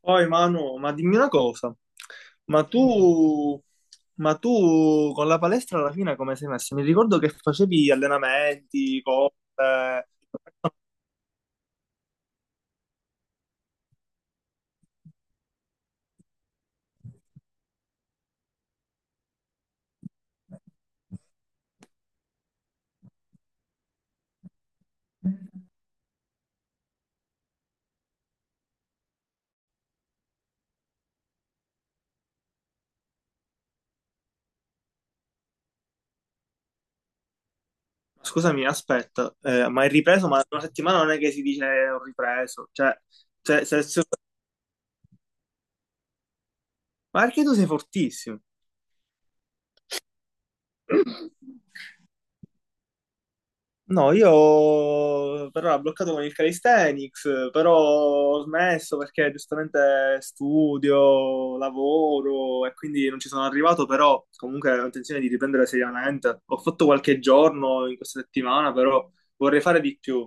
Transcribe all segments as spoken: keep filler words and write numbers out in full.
Poi Manu, ma dimmi una cosa, ma tu, ma tu con la palestra alla fine come sei messo? Mi ricordo che facevi allenamenti, cose. Scusami, aspetta, eh, ma hai ripreso? Ma una settimana non è che si dice ho ripreso, cioè, cioè, se- se- ma perché tu sei fortissimo? No, io però l'ho bloccato con il calisthenics, però ho smesso perché giustamente studio, lavoro e quindi non ci sono arrivato, però comunque ho intenzione di riprendere seriamente. Ho fatto qualche giorno in questa settimana, però vorrei fare di più.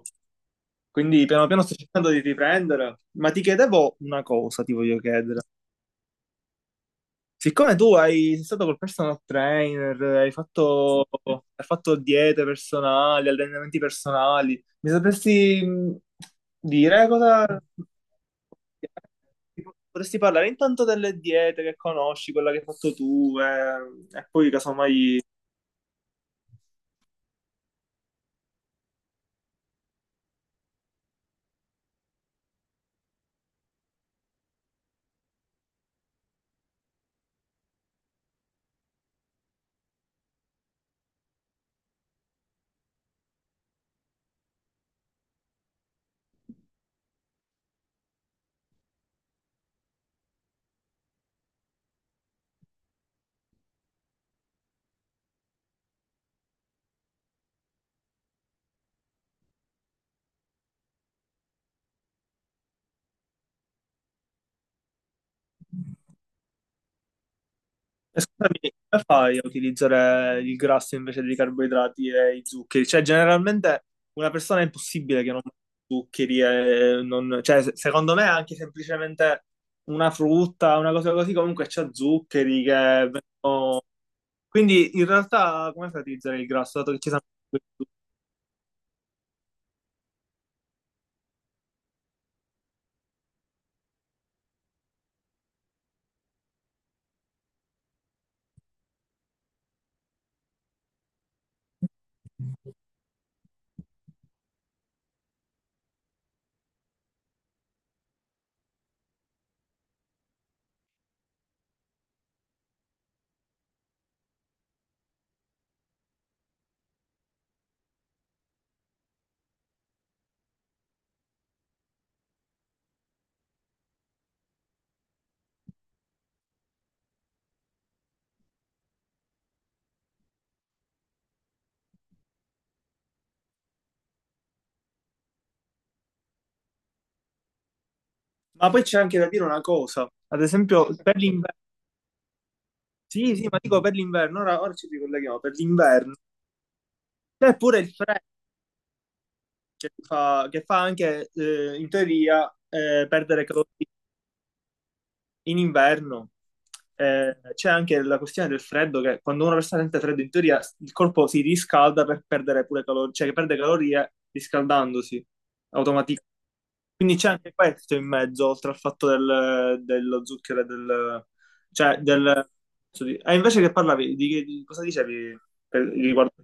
Quindi piano piano sto cercando di riprendere, ma ti chiedevo una cosa, ti voglio chiedere. Siccome tu hai, sei stato col personal trainer, hai, sì, fatto, hai fatto diete personali, allenamenti personali, mi sapresti mh, dire cosa potresti parlare intanto delle diete che conosci, quella che hai fatto tu, eh, e poi casomai. E scusami, come fai a utilizzare il grasso invece dei carboidrati e i zuccheri? Cioè, generalmente una persona è impossibile che non mangi zuccheri e non. Cioè, se- secondo me anche semplicemente una frutta, una cosa così, comunque c'ha zuccheri che vengono. Quindi in realtà come fai a utilizzare il grasso, dato che ci sono questi zuccheri? Ma poi c'è anche da dire una cosa, ad esempio per l'inverno. Sì, sì, ma dico per l'inverno, ora, ora ci ricolleghiamo, per l'inverno. C'è pure il freddo, che fa, che fa anche, eh, in teoria, eh, perdere calorie in inverno. Eh, c'è anche la questione del freddo, che quando una persona sente freddo, in teoria il corpo si riscalda per perdere pure calorie, cioè che perde calorie riscaldandosi automaticamente. Quindi c'è anche questo in mezzo, oltre al fatto del, dello zucchero e del, cioè del. Ah, invece che parlavi, di, di cosa dicevi per- riguardo?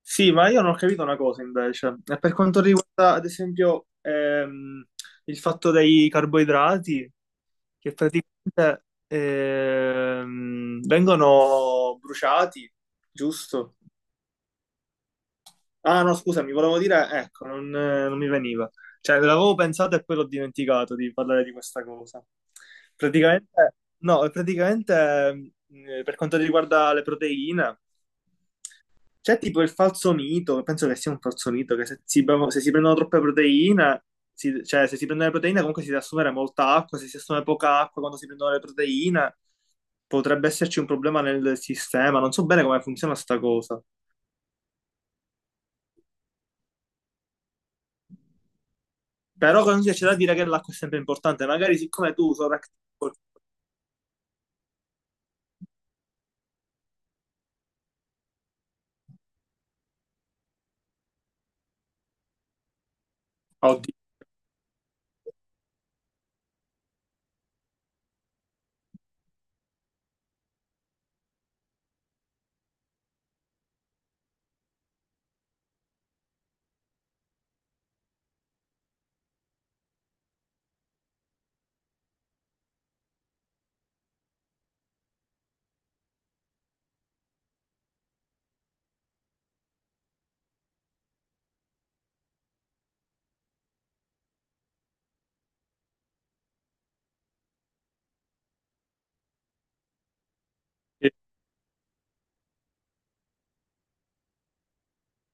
Sì, ma io non ho capito una cosa invece. E per quanto riguarda, ad esempio, ehm, il fatto dei carboidrati, che praticamente ehm, vengono bruciati, giusto? Ah, no, scusami, volevo dire, ecco, non, eh, non mi veniva. Cioè, l'avevo pensato e poi l'ho dimenticato di parlare di questa cosa. Praticamente, no, praticamente, eh, per quanto riguarda le proteine. C'è tipo il falso mito, penso che sia un falso mito, che se si, bevono- se si prendono troppe proteine, si- cioè se si prendono le proteine comunque si deve assumere molta acqua, se si assume poca acqua quando si prendono le proteine potrebbe esserci un problema nel sistema, non so bene come funziona sta cosa. Però comunque c'è da dire che l'acqua è sempre importante, magari siccome tu sovraccalcoli. Oddio.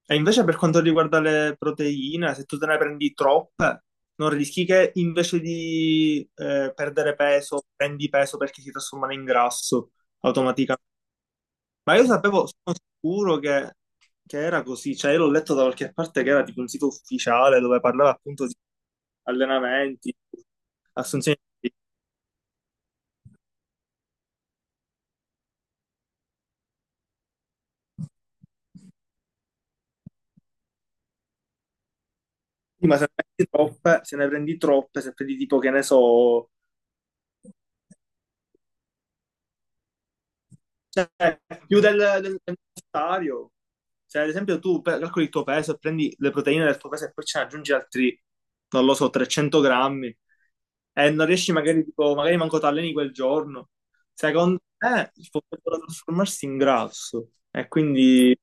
E invece per quanto riguarda le proteine, se tu te ne prendi troppe, non rischi che invece di eh, perdere peso, prendi peso perché si trasformano in grasso automaticamente. Ma io sapevo, sono sicuro che, che era così, cioè io l'ho letto da qualche parte che era tipo un sito ufficiale dove parlava appunto di allenamenti, assunzioni, di- proteine. Ma se ne prendi troppe, se ne prendi troppe, se prendi tipo che ne so, cioè più del, del, del necessario. Cioè, ad esempio, tu pe- calcoli il tuo peso e prendi le proteine del tuo peso e poi ce ne aggiungi altri, non lo so, trecento grammi e non riesci magari, tipo, magari manco t'alleni quel giorno. Secondo me potrebbero trasformarsi in grasso e quindi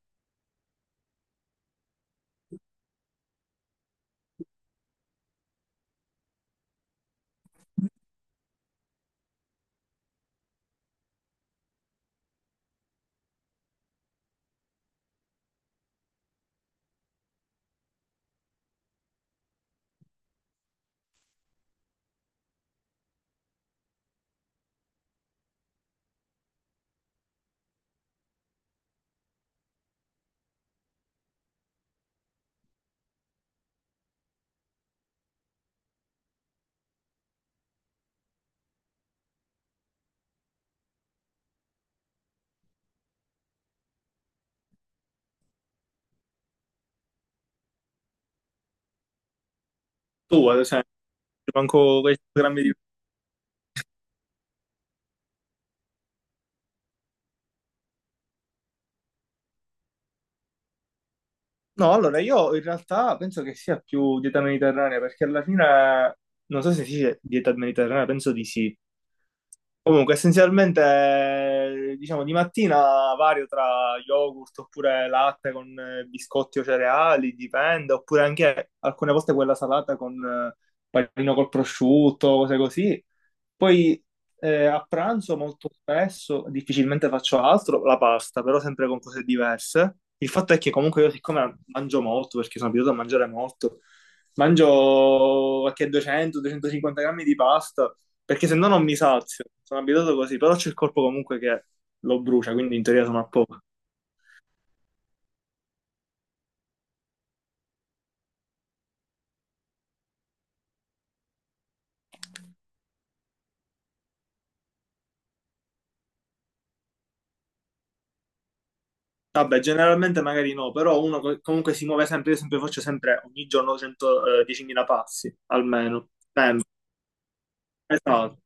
tu, ad esempio, manco quei grammi di. No, allora io in realtà penso che sia più dieta mediterranea perché alla fine, non so se si dice dieta mediterranea, penso di sì. Comunque, essenzialmente, eh, diciamo, di mattina vario tra yogurt oppure latte con eh, biscotti o cereali, dipende, oppure anche alcune volte quella salata con eh, panino col prosciutto, cose così. Poi eh, a pranzo molto spesso, difficilmente faccio altro, la pasta, però sempre con cose diverse. Il fatto è che comunque io siccome mangio molto, perché sono abituato a mangiare molto, mangio qualche duecento duecentocinquanta grammi di pasta perché se no non mi sazio, sono abituato così, però c'è il corpo comunque che lo brucia, quindi in teoria sono a poco. Vabbè, generalmente magari no, però uno co- comunque si muove sempre, io sempre faccio sempre ogni giorno cento, eh, diecimila passi, almeno. Sempre. Esatto.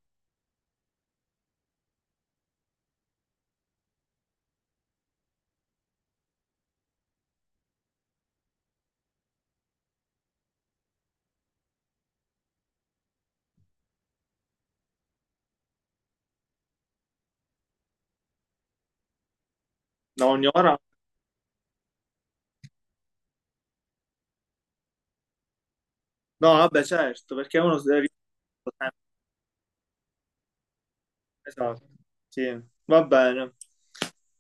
Da ogni ora? No, vabbè, certo, perché uno si deve. Esatto, sì, va bene.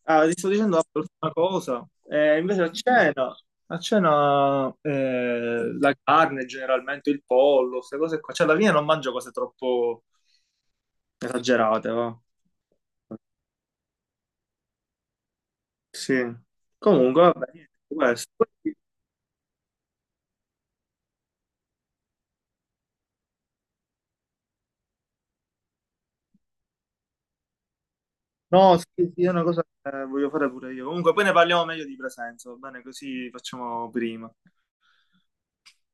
Ah, ti sto dicendo una cosa, Eh, invece a cena, a cena eh, la carne generalmente, il pollo, queste cose qua, cioè alla fine non mangio cose troppo esagerate, va. Sì, comunque vabbè, niente, questo. No, sì, sì, è una cosa che voglio fare pure io. Comunque poi ne parliamo meglio di presenza, va bene? Così facciamo prima.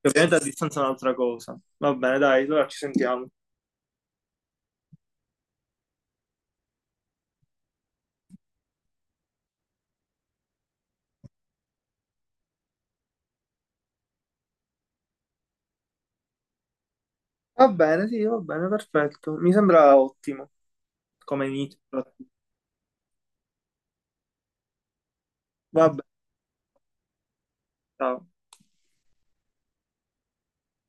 Che ovviamente a distanza è un'altra cosa. Va bene, dai, allora ci sentiamo. Va bene, sì, va bene, perfetto. Mi sembra ottimo come inizio. Va bene, ciao.